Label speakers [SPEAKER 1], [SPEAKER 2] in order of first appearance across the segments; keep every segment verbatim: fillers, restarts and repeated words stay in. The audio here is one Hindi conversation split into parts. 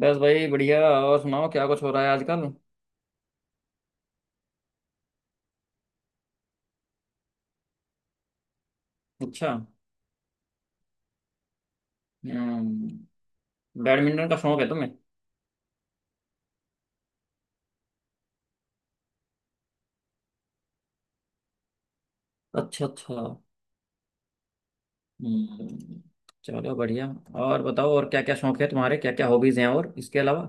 [SPEAKER 1] बस भाई बढ़िया। और सुनाओ क्या कुछ हो रहा है आजकल? अच्छा। हम्म। बैडमिंटन का शौक है तुम्हें? अच्छा अच्छा। हम्म। चलो बढ़िया। और बताओ, और क्या क्या शौक है तुम्हारे, क्या क्या हॉबीज हैं और इसके अलावा?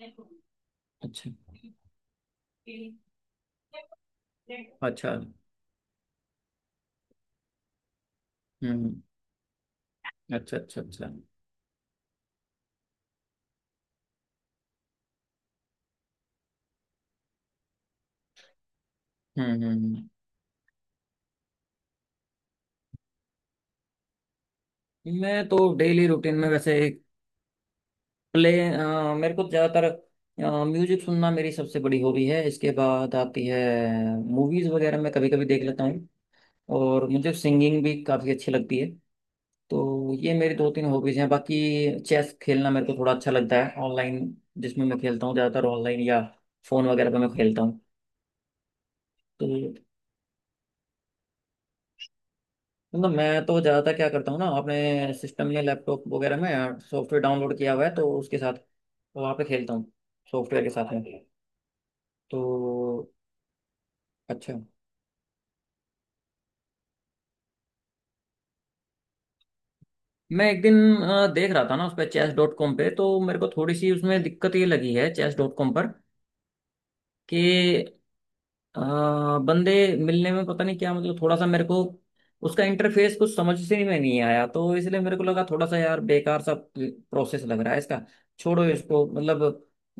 [SPEAKER 1] अच्छा अच्छा। हम्म। अच्छा अच्छा अच्छा। हम्म हम्म हम्म। मैं तो डेली रूटीन में वैसे प्ले अ, मेरे को ज़्यादातर म्यूजिक सुनना मेरी सबसे बड़ी हॉबी है। इसके बाद आती है मूवीज़ वगैरह, मैं कभी कभी देख लेता हूँ। और मुझे सिंगिंग भी काफ़ी अच्छी लगती है। तो ये मेरी दो तीन हॉबीज़ हैं। बाकी चेस खेलना मेरे को थोड़ा अच्छा लगता है ऑनलाइन, जिसमें मैं खेलता हूँ ज़्यादातर ऑनलाइन या फ़ोन वगैरह पे मैं खेलता हूँ। तो मतलब मैं तो ज़्यादातर क्या करता हूँ ना, अपने सिस्टम या लैपटॉप वगैरह में सॉफ्टवेयर डाउनलोड किया हुआ है, तो उसके साथ वहाँ पे खेलता हूँ, सॉफ्टवेयर के साथ में। तो अच्छा। मैं एक दिन अ, देख रहा था ना उस पर, चेस डॉट कॉम पे, चेस डॉट कॉम पे, तो मेरे को थोड़ी सी उसमें दिक्कत ये लगी है चेस डॉट कॉम पर कि अ, बंदे मिलने में पता नहीं क्या, मतलब थोड़ा सा मेरे को उसका इंटरफेस कुछ समझ से में नहीं आया। तो इसलिए मेरे को लगा थोड़ा सा, यार बेकार सा प्रोसेस लग रहा है इसका। छोड़ो इसको, मतलब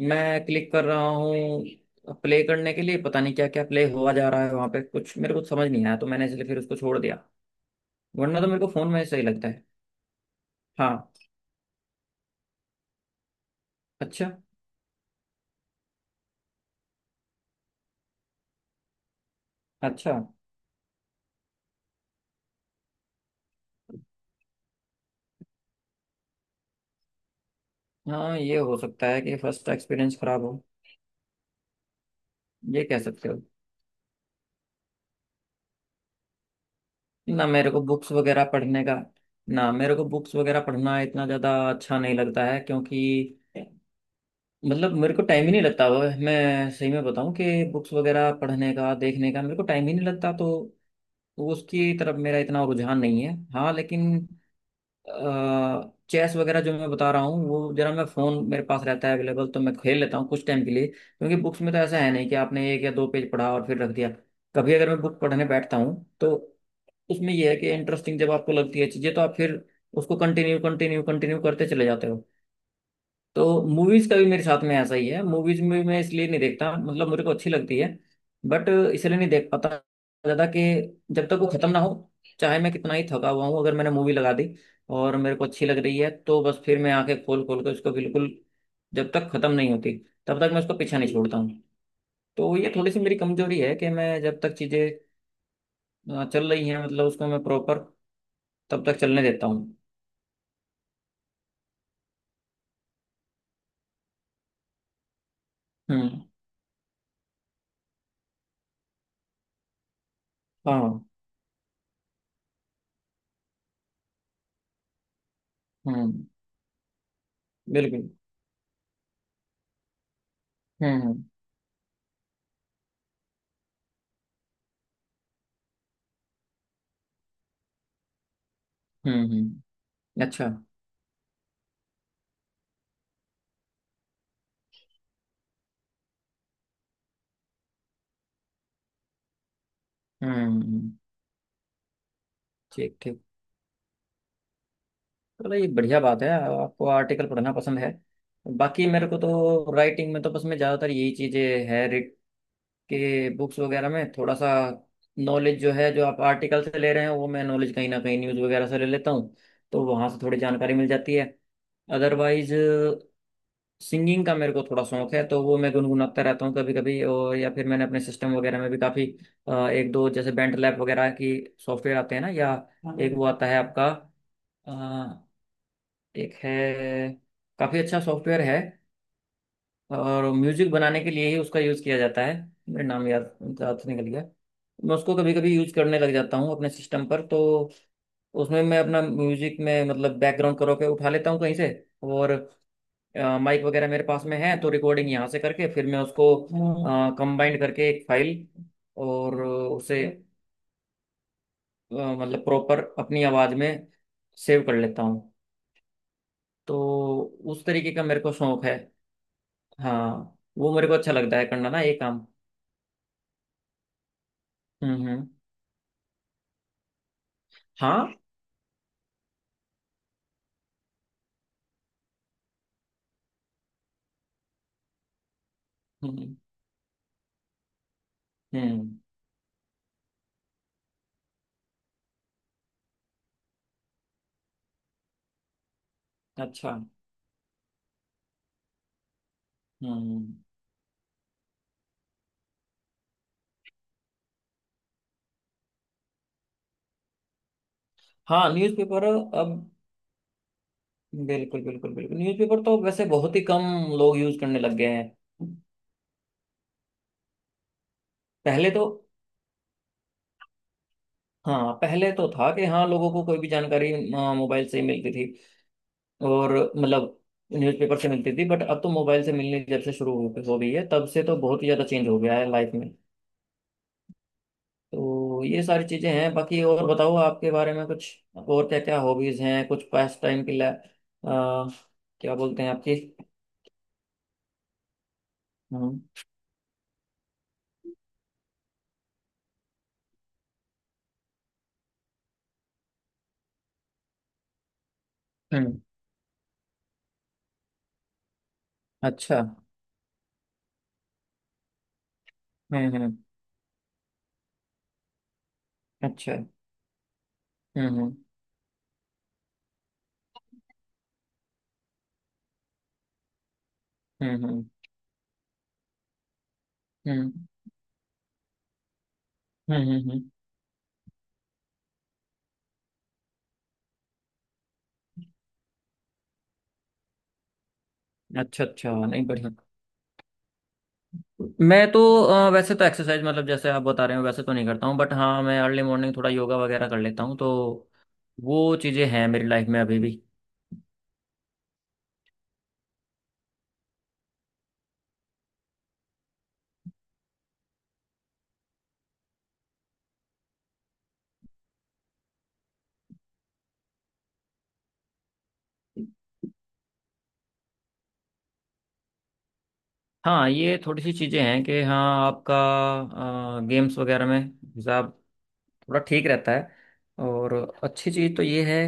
[SPEAKER 1] मैं क्लिक कर रहा हूँ प्ले करने के लिए, पता नहीं क्या क्या प्ले हुआ जा रहा है वहां पे, कुछ मेरे को समझ नहीं आया। तो मैंने इसलिए फिर उसको छोड़ दिया। वरना तो मेरे को फोन में सही लगता है। हाँ। अच्छा। अच्छा। हाँ, ये हो सकता है कि फर्स्ट एक्सपीरियंस खराब हो। ये कह सकते हो। ना मेरे को बुक्स वगैरह पढ़ने का ना, मेरे को बुक्स वगैरह पढ़ना इतना ज़्यादा अच्छा नहीं लगता है, क्योंकि मतलब मेरे को टाइम ही नहीं लगता वो। मैं सही में बताऊं कि बुक्स वगैरह पढ़ने का देखने का मेरे को टाइम ही नहीं लगता। तो उसकी तरफ मेरा इतना रुझान नहीं है। हाँ लेकिन चेस वगैरह जो मैं बता रहा हूँ, वो जरा, मैं फ़ोन मेरे पास रहता है अवेलेबल, तो मैं खेल लेता हूँ कुछ टाइम के लिए। क्योंकि बुक्स में तो ऐसा है नहीं कि आपने एक या दो पेज पढ़ा और फिर रख दिया। कभी अगर मैं बुक पढ़ने बैठता हूँ तो उसमें यह है कि इंटरेस्टिंग जब आपको लगती है चीजें तो आप फिर उसको कंटिन्यू कंटिन्यू कंटिन्यू करते चले जाते हो। तो मूवीज का भी मेरे साथ में ऐसा ही है। मूवीज में मैं इसलिए नहीं देखता, मतलब मेरे को अच्छी लगती है बट इसलिए नहीं देख पाता ज्यादा कि जब तक वो खत्म ना हो, चाहे मैं कितना ही थका हुआ हूँ, अगर मैंने मूवी लगा दी और मेरे को अच्छी लग रही है तो बस फिर मैं आंखें खोल खोल के उसको, बिल्कुल जब तक खत्म नहीं होती तब तक मैं उसको पीछा नहीं छोड़ता हूँ। तो ये थोड़ी सी मेरी कमजोरी है कि मैं जब तक चीजें, हाँ, चल रही है, मतलब उसको मैं प्रॉपर तब तक चलने देता हूँ। हम्म। हाँ। हम्म। बिल्कुल। हम्म हम्म हम्म, हम्म, अच्छा, हम्म हम्म, ठीक ठीक। चलो ये बढ़िया बात है। आपको आर्टिकल पढ़ना पसंद है। बाकी मेरे को तो राइटिंग में तो बस मैं ज़्यादातर यही चीज़ें है, रिट के बुक्स वगैरह में थोड़ा सा नॉलेज जो है, जो आप आर्टिकल से ले रहे हैं, वो मैं नॉलेज कहीं ना कहीं न्यूज़ वगैरह से ले लेता हूँ। तो वहाँ से थोड़ी जानकारी मिल जाती है। अदरवाइज सिंगिंग का मेरे को थोड़ा शौक है, तो वो मैं गुनगुनाता रहता हूँ कभी कभी। और या फिर मैंने अपने सिस्टम वगैरह में भी काफ़ी, एक दो जैसे बेंट लैब वगैरह की सॉफ्टवेयर आते हैं ना, या एक वो आता है आपका, अ, एक है, काफ़ी अच्छा सॉफ्टवेयर है, और म्यूजिक बनाने के लिए ही उसका यूज़ किया जाता है। मेरा नाम याद, याद से निकल गया। मैं उसको कभी कभी यूज़ करने लग जाता हूँ अपने सिस्टम पर, तो उसमें मैं अपना म्यूजिक में मतलब बैकग्राउंड करो के उठा लेता हूँ कहीं से। और माइक वगैरह मेरे पास में है, तो रिकॉर्डिंग यहाँ से करके फिर मैं उसको हम्म, कंबाइंड करके एक फाइल, और उसे अ, मतलब प्रॉपर अपनी आवाज़ में सेव कर लेता हूँ। तो उस तरीके का मेरे को शौक है। हाँ वो मेरे को अच्छा लगता है करना ना, ये काम। हम्म हम्म, हाँ, हम्म हम्म। अच्छा। हम्म। हाँ न्यूज़पेपर, अब, बिल्कुल बिल्कुल बिल्कुल, न्यूज़पेपर तो अब वैसे बहुत ही कम लोग यूज करने लग गए हैं। पहले तो, हाँ, पहले तो था कि हाँ लोगों को कोई भी जानकारी अ, मोबाइल से ही मिलती थी और मतलब न्यूज़पेपर से मिलती थी, बट अब तो मोबाइल से मिलनी जब से शुरू हो हो गई है तब से तो बहुत ही ज़्यादा चेंज हो गया है लाइफ में। तो ये सारी चीज़ें हैं। बाकी और बताओ आपके बारे में कुछ, और क्या क्या हॉबीज़ हैं कुछ पास टाइम के लिए, अ, क्या बोलते हैं आपकी? हम्म हम्म, अच्छा। हम्म हम्म। अच्छा। हम्म हम्म हम्म हम्म हम्म हम्म हम्म, अच्छा अच्छा। नहीं बढ़िया। मैं तो अ, वैसे तो एक्सरसाइज मतलब जैसे आप बता रहे हो वैसे तो नहीं करता हूँ, बट हाँ मैं अर्ली मॉर्निंग थोड़ा योगा वगैरह कर लेता हूँ, तो वो चीज़ें हैं मेरी लाइफ में अभी भी। हाँ ये थोड़ी सी चीज़ें हैं कि हाँ आपका गेम्स वगैरह में हिसाब थोड़ा ठीक रहता है। और अच्छी चीज़ तो ये है,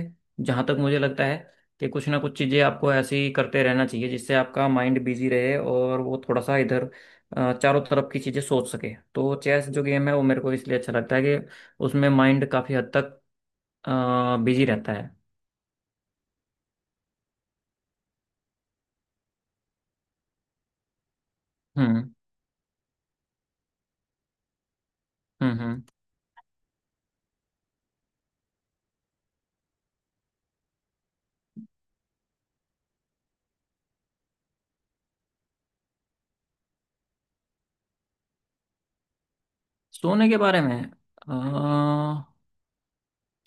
[SPEAKER 1] जहाँ तक मुझे लगता है, कि कुछ ना कुछ चीज़ें आपको ऐसी करते रहना चाहिए जिससे आपका माइंड बिजी रहे और वो थोड़ा सा इधर अ, चारों तरफ की चीज़ें सोच सके। तो चेस जो गेम है वो मेरे को इसलिए अच्छा लगता है कि उसमें माइंड काफ़ी हद तक बिजी रहता है। हम्म हम्म हम्म। सोने के बारे में अ,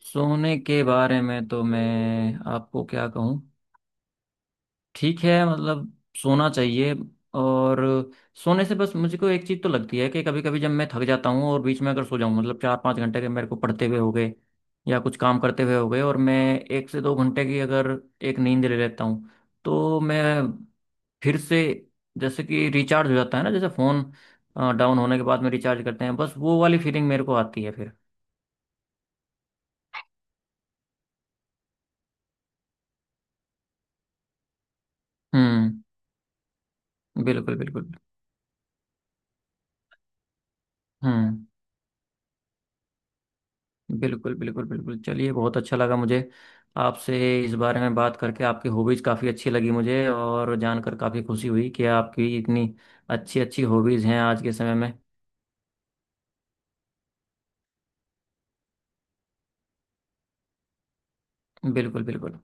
[SPEAKER 1] सोने के बारे में तो मैं आपको क्या कहूँ? ठीक है मतलब सोना चाहिए। और सोने से बस मुझको एक चीज़ तो लगती है कि कभी कभी जब मैं थक जाता हूँ और बीच में अगर सो जाऊँ, मतलब चार पाँच घंटे के मेरे को पढ़ते हुए हो गए या कुछ काम करते हुए हो गए, और मैं एक से दो घंटे की अगर एक नींद ले लेता हूँ तो मैं फिर से जैसे कि रिचार्ज हो जाता है ना, जैसे फ़ोन डाउन होने के बाद में रिचार्ज करते हैं, बस वो वाली फीलिंग मेरे को आती है फिर। हम्म। बिल्कुल बिल्कुल। हम्म। बिल्कुल बिल्कुल बिल्कुल, चलिए बहुत अच्छा लगा मुझे आपसे इस बारे में बात करके। आपकी हॉबीज़ काफ़ी अच्छी लगी मुझे और जानकर काफ़ी खुशी हुई कि आपकी इतनी अच्छी अच्छी हॉबीज़ हैं आज के समय में। बिल्कुल बिल्कुल।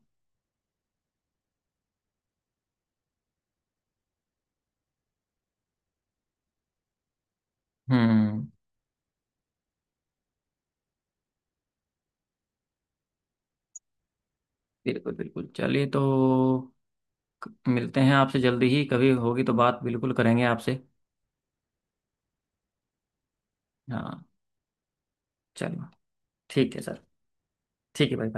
[SPEAKER 1] हम्म। बिल्कुल बिल्कुल चलिए तो, क- मिलते हैं आपसे जल्दी ही, कभी होगी तो बात बिल्कुल करेंगे आपसे। हाँ। चलो। ठीक है सर। ठीक है भाई।